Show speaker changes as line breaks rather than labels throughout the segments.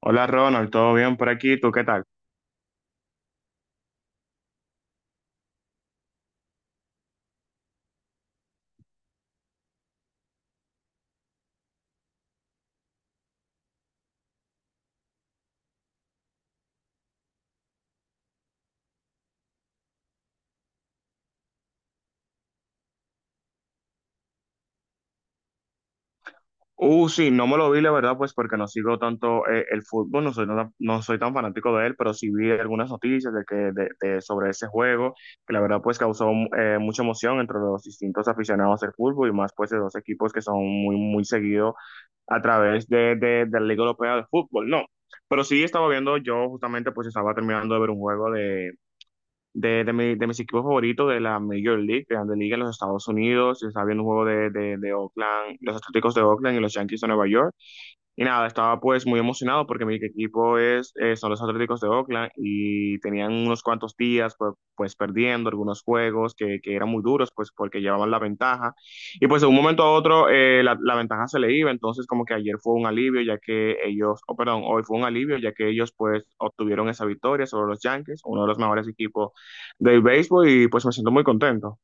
Hola Ronald, ¿todo bien por aquí? ¿Tú qué tal? Sí, no me lo vi, la verdad, pues porque no sigo tanto el fútbol, no soy tan fanático de él, pero sí vi algunas noticias de que, de- sobre ese juego, que la verdad pues causó mucha emoción entre los distintos aficionados del fútbol y más pues de dos equipos que son muy, muy seguidos a través de la Liga Europea de Fútbol, ¿no? Pero sí estaba viendo, yo justamente pues estaba terminando de ver un juego de mis equipos favoritos de la Major League, Grande Liga en los Estados Unidos. Estaba viendo un juego de Oakland, los Atléticos de Oakland y los Yankees de Nueva York. Y nada, estaba pues muy emocionado porque mi equipo es, son los Atléticos de Oakland y tenían unos cuantos días pues, pues perdiendo algunos juegos que eran muy duros pues porque llevaban la ventaja. Y pues de un momento a otro la ventaja se le iba, entonces como que ayer fue un alivio ya que ellos, oh, perdón, hoy fue un alivio ya que ellos pues obtuvieron esa victoria sobre los Yankees, uno de los mejores equipos del béisbol y pues me siento muy contento.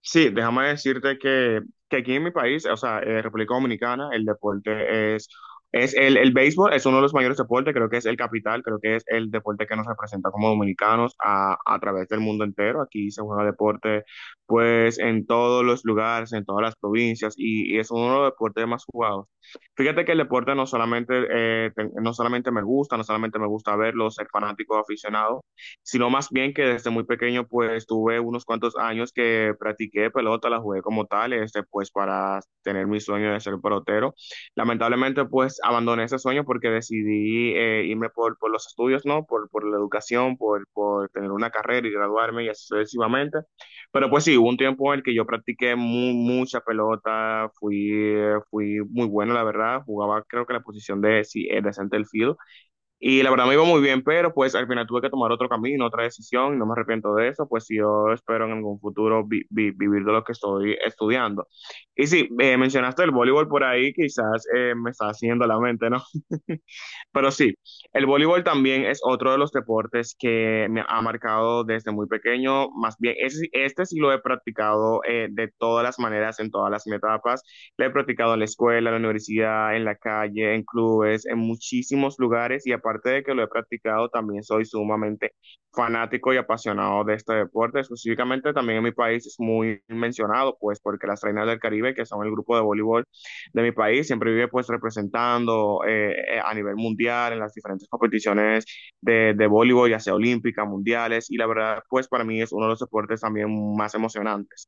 Sí, déjame decirte que aquí en mi país, o sea, República Dominicana, el deporte es el béisbol es uno de los mayores deportes, creo que es el capital, creo que es el deporte que nos representa como dominicanos a través del mundo entero. Aquí se juega deporte, pues, en todos los lugares, en todas las provincias, y es uno de los deportes más jugados. Fíjate que el deporte no solamente, no solamente me gusta, no solamente me gusta verlo, ser fanático, aficionado sino más bien que desde muy pequeño pues tuve unos cuantos años que practiqué pelota, la jugué como tal, este, pues para tener mi sueño de ser pelotero. Lamentablemente pues abandoné ese sueño porque decidí irme por por los estudios, ¿no? Por la educación, por tener una carrera y graduarme y así sucesivamente. Pero pues sí, hubo un tiempo en el que yo practiqué mucha pelota, fui, fui muy bueno, la verdad, jugaba creo que la posición de, sí, de center field. Y la verdad me iba muy bien, pero pues al final tuve que tomar otro camino, otra decisión, y no me arrepiento de eso, pues sí, yo espero en algún futuro vivir de lo que estoy estudiando. Y sí, mencionaste el voleibol por ahí, quizás me está haciendo la mente, ¿no? Pero sí, el voleibol también es otro de los deportes que me ha marcado desde muy pequeño. Más bien, sí, este sí lo he practicado de todas las maneras, en todas las etapas. Lo he practicado en la escuela, en la universidad, en la calle, en clubes, en muchísimos lugares. Y aparte de que lo he practicado, también soy sumamente fanático y apasionado de este deporte. Específicamente también en mi país es muy mencionado, pues porque las Reinas del Caribe, que son el grupo de voleibol, de mi país, siempre vive pues representando a nivel mundial en las diferentes competiciones de voleibol, ya sea olímpica, mundiales, y la verdad pues para mí es uno de los deportes también más emocionantes.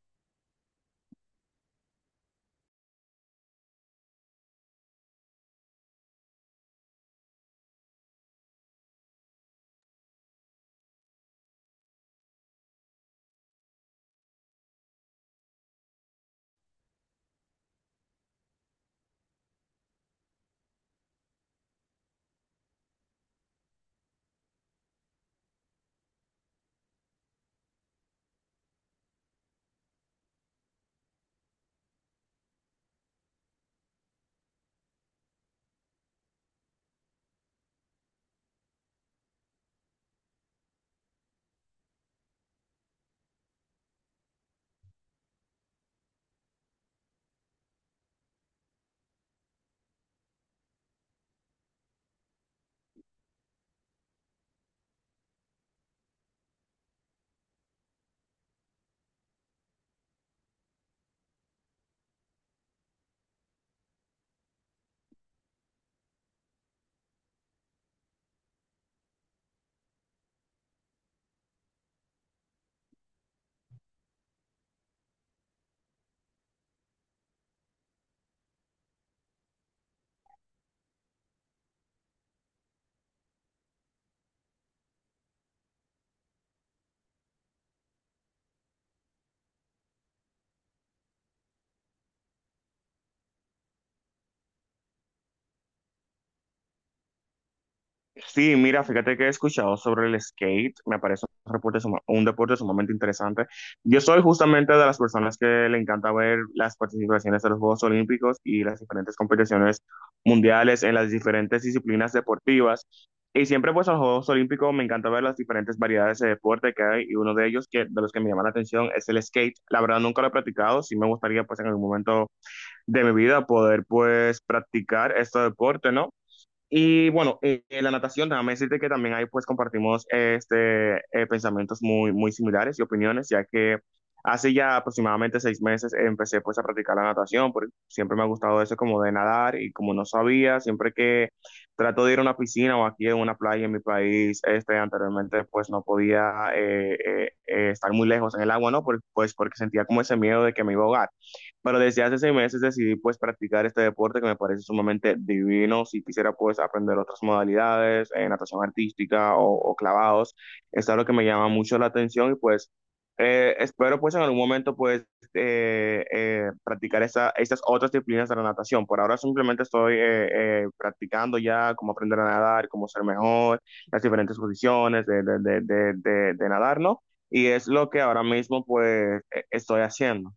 Sí, mira, fíjate que he escuchado sobre el skate, me parece un deporte, un deporte sumamente interesante. Yo soy justamente de las personas que le encanta ver las participaciones de los Juegos Olímpicos y las diferentes competiciones mundiales en las diferentes disciplinas deportivas. Y siempre pues en los Juegos Olímpicos me encanta ver las diferentes variedades de deporte que hay y uno de ellos que, de los que me llama la atención es el skate. La verdad nunca lo he practicado, sí me gustaría pues en algún momento de mi vida poder pues practicar este deporte, ¿no? Y bueno, en la natación, déjame decirte que también ahí pues compartimos este, pensamientos muy, muy similares y opiniones, ya que hace ya aproximadamente seis meses empecé pues a practicar la natación, porque siempre me ha gustado eso como de nadar y como no sabía, siempre que trato de ir a una piscina o aquí en una playa en mi país, este, anteriormente pues no podía estar muy lejos en el agua, ¿no? Pues porque sentía como ese miedo de que me iba a ahogar. Pero desde hace seis meses decidí pues practicar este deporte que me parece sumamente divino. Si quisiera pues aprender otras modalidades, natación artística o clavados, es algo que me llama mucho la atención y pues espero pues en algún momento pues practicar esa, estas otras disciplinas de la natación. Por ahora simplemente estoy practicando ya cómo aprender a nadar, cómo ser mejor, las diferentes posiciones de nadar, ¿no? Y es lo que ahora mismo pues estoy haciendo.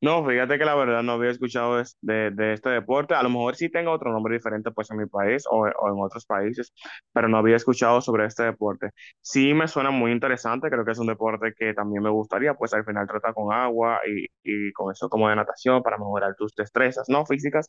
No, fíjate que la verdad no había escuchado de de este deporte. A lo mejor sí tengo otro nombre diferente pues en mi país o en otros países, pero no había escuchado sobre este deporte. Sí me suena muy interesante, creo que es un deporte que también me gustaría, pues al final trata con agua y con eso como de natación para mejorar tus destrezas, ¿no? Físicas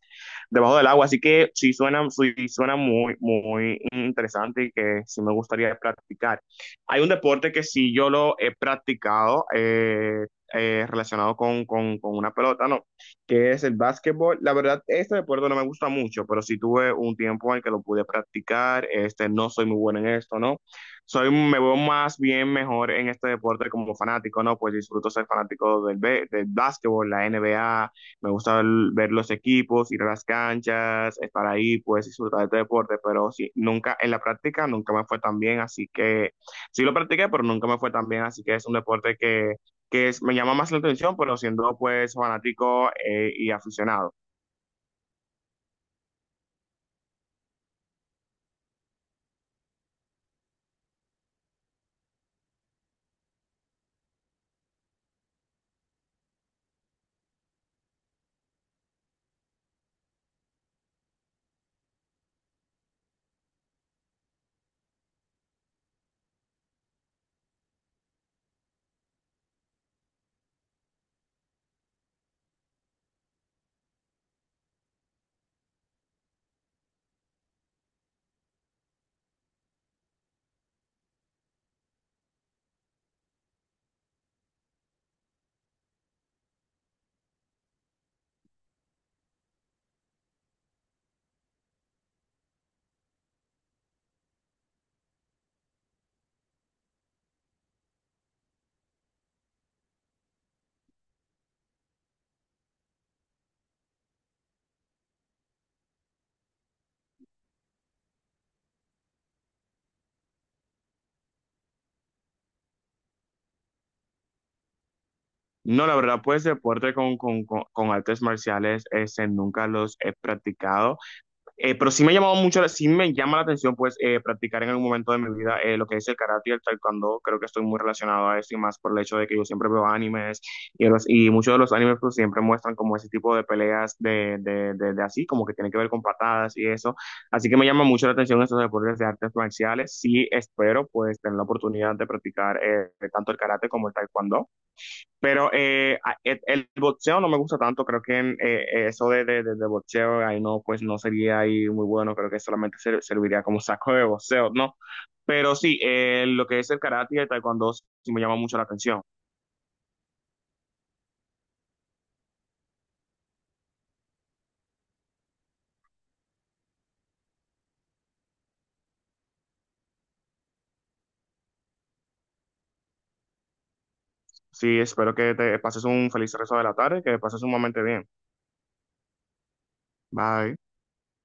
debajo del agua. Así que sí suena muy, muy interesante y que sí me gustaría practicar. Hay un deporte que sí yo lo he practicado. Relacionado con una pelota, ¿no? Que es el básquetbol. La verdad, este deporte no me gusta mucho, pero sí tuve un tiempo en el que lo pude practicar. Este, no soy muy bueno en esto, ¿no? Soy, me veo más bien mejor en este deporte como fanático, ¿no? Pues disfruto ser fanático del básquetbol, la NBA, me gusta ver los equipos, ir a las canchas, estar ahí, pues disfrutar de este deporte, pero sí, nunca, en la práctica nunca me fue tan bien, así que sí lo practiqué, pero nunca me fue tan bien, así que es un deporte que me llama más la atención, pero siendo pues fanático y aficionado. No, la verdad, pues deporte con artes marciales, ese nunca los he practicado. Pero sí me ha llamado mucho, sí me llama la atención pues practicar en algún momento de mi vida lo que es el karate y el taekwondo. Creo que estoy muy relacionado a esto y más por el hecho de que yo siempre veo animes y muchos de los animes pues siempre muestran como ese tipo de peleas de así, como que tiene que ver con patadas y eso. Así que me llama mucho la atención estos deportes de artes marciales. Sí espero pues tener la oportunidad de practicar tanto el karate como el taekwondo. Pero el boxeo no me gusta tanto, creo que en, eso de boxeo ahí no, pues no sería ahí muy bueno, creo que solamente serviría como saco de boxeo, ¿no? Pero sí, lo que es el karate y el taekwondo sí me llama mucho la atención. Sí, espero que te pases un feliz resto de la tarde, que pases un momento bien. Bye.